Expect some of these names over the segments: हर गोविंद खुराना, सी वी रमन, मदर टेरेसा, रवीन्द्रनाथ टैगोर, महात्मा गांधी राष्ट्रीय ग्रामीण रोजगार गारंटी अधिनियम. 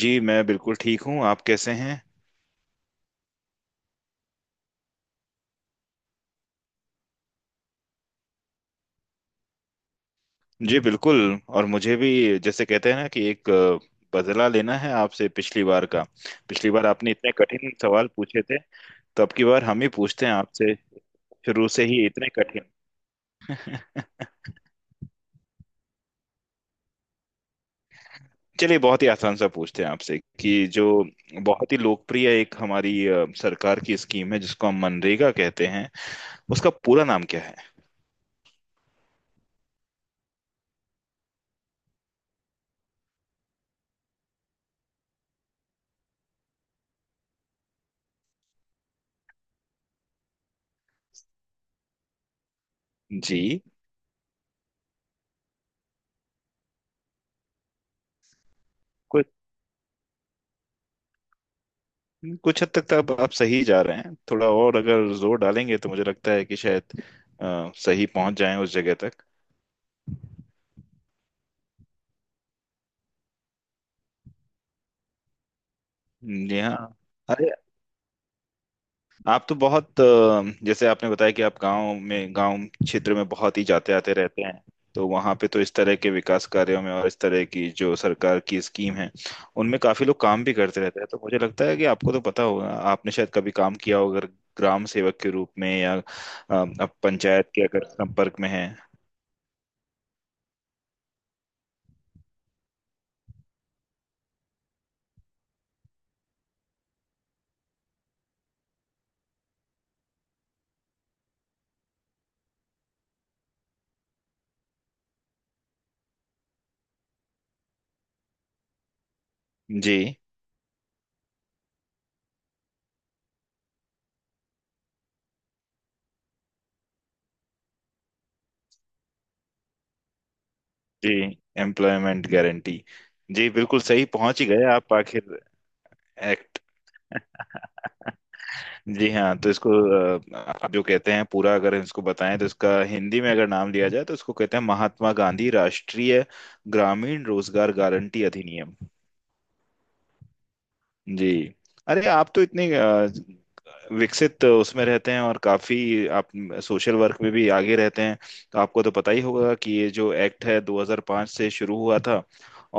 जी मैं बिल्कुल ठीक हूँ। आप कैसे हैं? जी बिल्कुल। और मुझे भी जैसे कहते हैं ना कि एक बदला लेना है आपसे पिछली बार का। पिछली बार आपने इतने कठिन सवाल पूछे थे, तो अब की बार हम ही पूछते हैं आपसे। शुरू से ही इतने कठिन। चलिए बहुत ही आसान सा पूछते हैं आपसे कि जो बहुत ही लोकप्रिय एक हमारी सरकार की स्कीम है जिसको हम मनरेगा कहते हैं, उसका पूरा नाम क्या है? जी। कुछ हद तक तो आप सही जा रहे हैं। थोड़ा और अगर जोर डालेंगे तो मुझे लगता है कि शायद सही पहुंच जाएं उस जगह तक। जी हाँ। अरे आप तो बहुत जैसे आपने बताया कि आप गांव क्षेत्र में बहुत ही जाते आते रहते हैं। तो वहां पे तो इस तरह के विकास कार्यों में और इस तरह की जो सरकार की स्कीम है उनमें काफी लोग काम भी करते रहते हैं। तो मुझे लगता है कि आपको तो पता होगा, आपने शायद कभी काम किया होगा अगर ग्राम सेवक के रूप में या आप पंचायत के अगर संपर्क में हैं। जी जी एम्प्लॉयमेंट गारंटी। जी बिल्कुल सही पहुंच ही गए आप आखिर। एक्ट। जी हाँ, तो इसको अ, आप जो कहते हैं पूरा अगर इसको बताएं तो इसका हिंदी में अगर नाम लिया जाए तो इसको कहते हैं महात्मा गांधी राष्ट्रीय ग्रामीण रोजगार गारंटी अधिनियम। जी। अरे आप तो इतने विकसित उसमें रहते हैं और काफी आप सोशल वर्क में भी आगे रहते हैं। तो आपको तो पता ही होगा कि ये जो एक्ट है 2005 से शुरू हुआ था।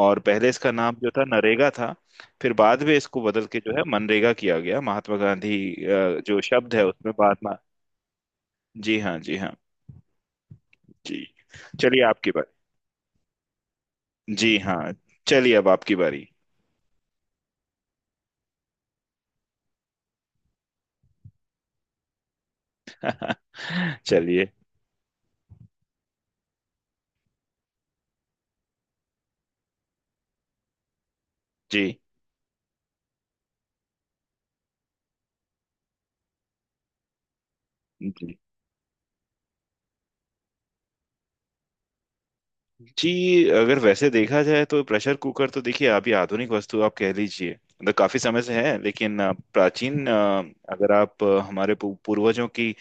और पहले इसका नाम जो था नरेगा था, फिर बाद में इसको बदल के जो है मनरेगा किया गया, महात्मा गांधी जो शब्द है उसमें महात्मा। जी हाँ जी हाँ जी। चलिए आपकी बारी। जी हाँ, चलिए अब आपकी बारी। चलिए। जी जी जी। अगर वैसे देखा जाए तो प्रेशर कुकर तो देखिए, अभी आधुनिक वस्तु आप कह लीजिए। मतलब काफी समय से है लेकिन प्राचीन अगर आप हमारे पूर्वजों की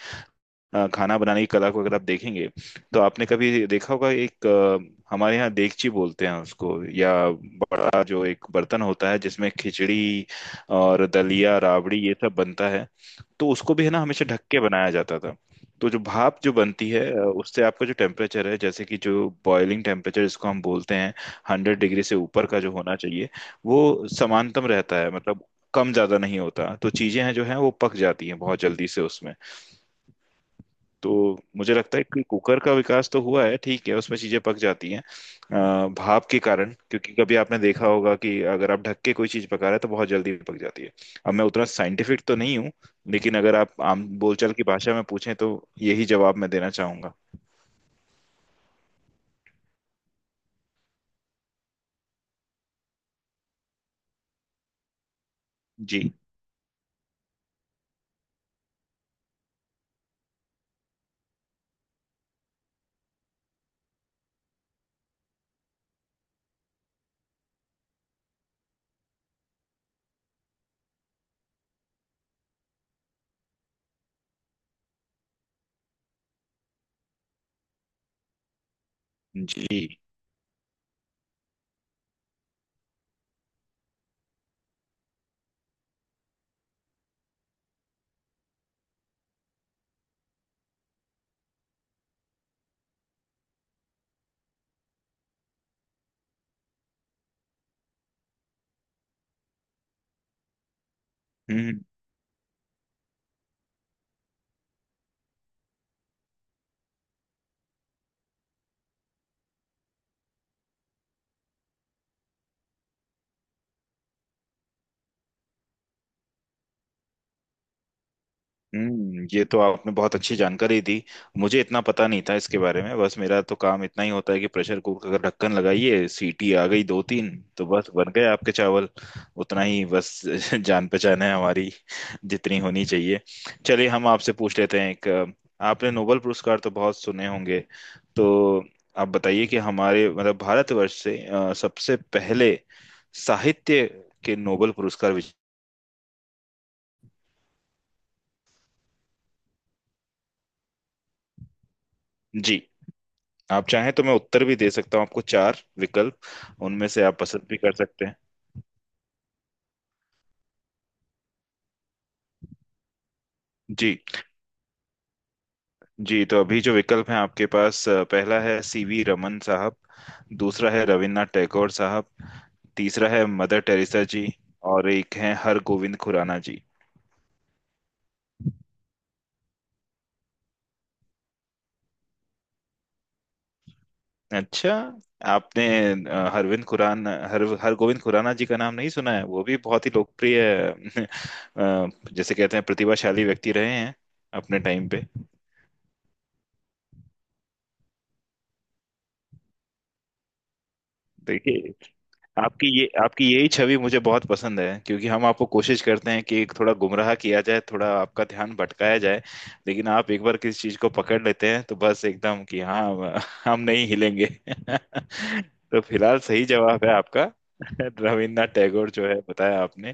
खाना बनाने की कला को अगर आप देखेंगे, तो आपने कभी देखा होगा एक हमारे यहाँ देगची बोलते हैं उसको, या बड़ा जो एक बर्तन होता है जिसमें खिचड़ी और दलिया राबड़ी ये सब बनता है। तो उसको भी है ना, हमेशा ढक के बनाया जाता था। तो जो भाप जो बनती है उससे आपका जो टेम्परेचर है, जैसे कि जो बॉइलिंग टेम्परेचर जिसको हम बोलते हैं, हंड्रेड डिग्री से ऊपर का जो होना चाहिए, वो समानतम रहता है। मतलब कम ज्यादा नहीं होता, तो चीजें हैं जो हैं वो पक जाती हैं बहुत जल्दी से उसमें। तो मुझे लगता है कि कुकर का विकास तो हुआ है, ठीक है, उसमें चीजें पक जाती हैं भाप के कारण। क्योंकि कभी आपने देखा होगा कि अगर आप ढक के कोई चीज पका रहे हैं तो बहुत जल्दी पक जाती है। अब मैं उतना साइंटिफिक तो नहीं हूँ, लेकिन अगर आप आम बोलचाल की भाषा में पूछें तो यही जवाब मैं देना चाहूंगा। जी जी। हम्म हम्म। ये तो आपने बहुत अच्छी जानकारी दी। मुझे इतना पता नहीं था इसके बारे में। बस मेरा तो काम इतना ही होता है कि प्रेशर कुकर का ढक्कन लगाइए, सीटी आ गई दो तीन, तो बस बन गए आपके चावल। उतना ही बस। जान पहचान है हमारी जितनी होनी चाहिए। चलिए हम आपसे पूछ लेते हैं एक। आपने नोबेल पुरस्कार तो बहुत सुने होंगे। तो आप बताइए कि हमारे मतलब भारतवर्ष से सबसे पहले साहित्य के नोबेल पुरस्कार जी आप चाहें तो मैं उत्तर भी दे सकता हूँ आपको। चार विकल्प उनमें से आप पसंद भी कर सकते हैं। जी जी, तो अभी जो विकल्प हैं आपके पास, पहला है सीवी रमन साहब, दूसरा है रविन्द्रनाथ टैगोर साहब, तीसरा है मदर टेरेसा जी, और एक है हर गोविंद खुराना जी। अच्छा, आपने हरविंद खुराना हर हर गोविंद खुराना जी का नाम नहीं सुना है? वो भी बहुत ही लोकप्रिय जैसे कहते हैं प्रतिभाशाली व्यक्ति रहे हैं अपने टाइम पे। देखिए, आपकी यही छवि मुझे बहुत पसंद है, क्योंकि हम आपको कोशिश करते हैं कि थोड़ा गुमराह किया जाए, थोड़ा आपका ध्यान भटकाया जाए, लेकिन आप एक बार किसी चीज को पकड़ लेते हैं तो बस एकदम कि हाँ हम नहीं हिलेंगे। तो फिलहाल सही जवाब है आपका। रविन्द्रनाथ टैगोर जो है, बताया आपने,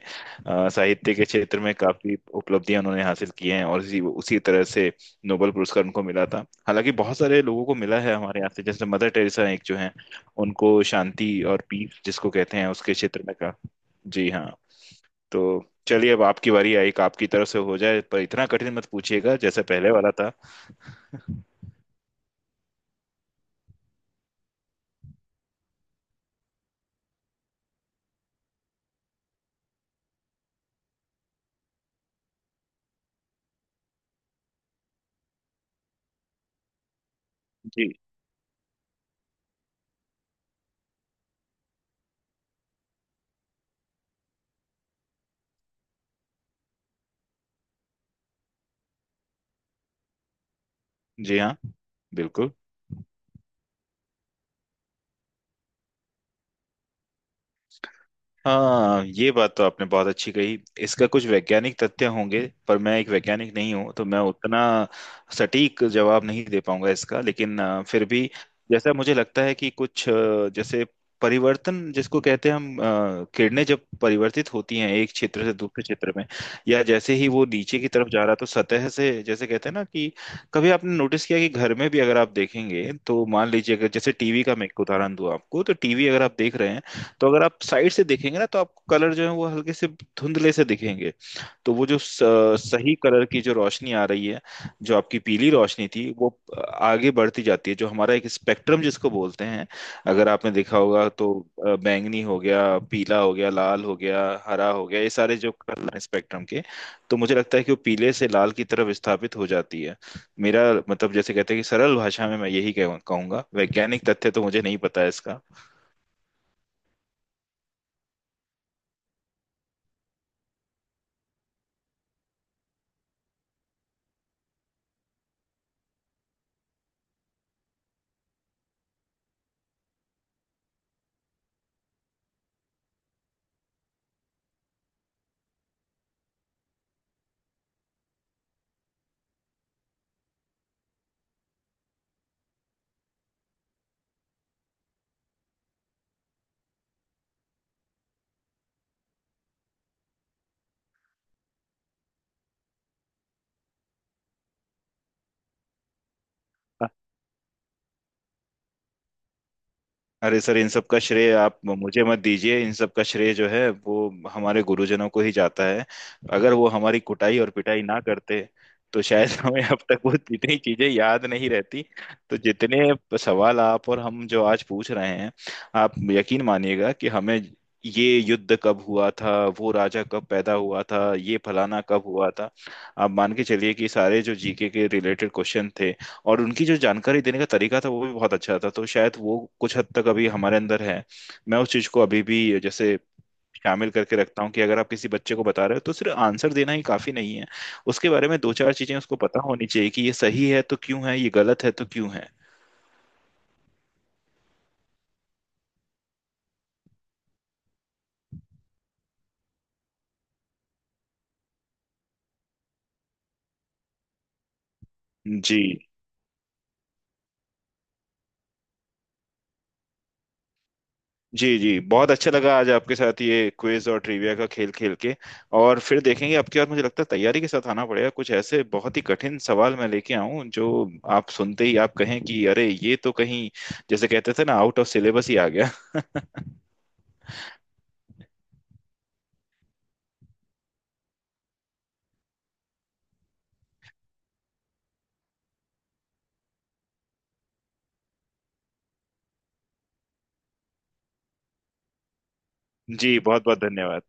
साहित्य के क्षेत्र में काफी उपलब्धियां उन्होंने हासिल की हैं, और इसी उसी तरह से नोबेल पुरस्कार उनको मिला था। हालांकि बहुत सारे लोगों को मिला है हमारे यहाँ से, जैसे मदर टेरेसा एक जो है, उनको शांति और पीस जिसको कहते हैं उसके क्षेत्र में का। जी हाँ। तो चलिए अब आपकी बारी आई, एक आपकी तरफ से हो जाए, पर इतना कठिन मत पूछिएगा जैसा पहले वाला था। जी। जी हाँ, बिल्कुल। हाँ, ये बात तो आपने बहुत अच्छी कही। इसका कुछ वैज्ञानिक तथ्य होंगे, पर मैं एक वैज्ञानिक नहीं हूँ तो मैं उतना सटीक जवाब नहीं दे पाऊंगा इसका। लेकिन फिर भी जैसा मुझे लगता है कि कुछ जैसे परिवर्तन जिसको कहते हैं हम, किरणें जब परिवर्तित होती हैं एक क्षेत्र से दूसरे क्षेत्र में, या जैसे ही वो नीचे की तरफ जा रहा तो सतह से, जैसे कहते हैं ना कि कभी आपने नोटिस किया कि घर में भी अगर आप देखेंगे तो, मान लीजिए अगर जैसे टीवी का मैं एक उदाहरण दूं आपको, तो टीवी अगर आप देख रहे हैं तो अगर आप साइड से देखेंगे ना तो आपको कलर जो है वो हल्के से धुंधले से दिखेंगे। तो वो जो सही कलर की जो रोशनी आ रही है, जो आपकी पीली रोशनी थी, वो आगे बढ़ती जाती है। जो हमारा एक स्पेक्ट्रम जिसको बोलते हैं, अगर आपने देखा होगा तो, बैंगनी हो गया, पीला हो गया, लाल हो गया, हरा हो गया, ये सारे जो कलर हैं स्पेक्ट्रम के। तो मुझे लगता है कि वो पीले से लाल की तरफ विस्थापित हो जाती है। मेरा मतलब जैसे कहते हैं कि सरल भाषा में, मैं यही कहूंगा। वैज्ञानिक तथ्य तो मुझे नहीं पता है इसका। अरे सर, इन सब का श्रेय आप मुझे मत दीजिए, इन सब का श्रेय जो है वो हमारे गुरुजनों को ही जाता है। अगर वो हमारी कुटाई और पिटाई ना करते तो शायद हमें अब तक वो इतनी चीजें याद नहीं रहती। तो जितने सवाल आप और हम जो आज पूछ रहे हैं, आप यकीन मानिएगा कि हमें ये युद्ध कब हुआ था, वो राजा कब पैदा हुआ था, ये फलाना कब हुआ था, आप मान के चलिए कि सारे जो जीके के रिलेटेड क्वेश्चन थे, और उनकी जो जानकारी देने का तरीका था वो भी बहुत अच्छा था, तो शायद वो कुछ हद तक अभी हमारे अंदर है। मैं उस चीज को अभी भी जैसे शामिल करके रखता हूँ कि अगर आप किसी बच्चे को बता रहे हो तो सिर्फ आंसर देना ही काफी नहीं है, उसके बारे में दो चार चीजें उसको पता होनी चाहिए कि ये सही है तो क्यों है, ये गलत है तो क्यों है। जी जी जी। बहुत अच्छा लगा आज आपके साथ ये क्विज और ट्रिविया का खेल खेल के। और फिर देखेंगे आपके बाद, मुझे लगता है तैयारी के साथ आना पड़ेगा, कुछ ऐसे बहुत ही कठिन सवाल मैं लेके आऊं जो आप सुनते ही आप कहें कि अरे ये तो कहीं, जैसे कहते थे ना, आउट ऑफ सिलेबस ही आ गया। जी, बहुत बहुत धन्यवाद।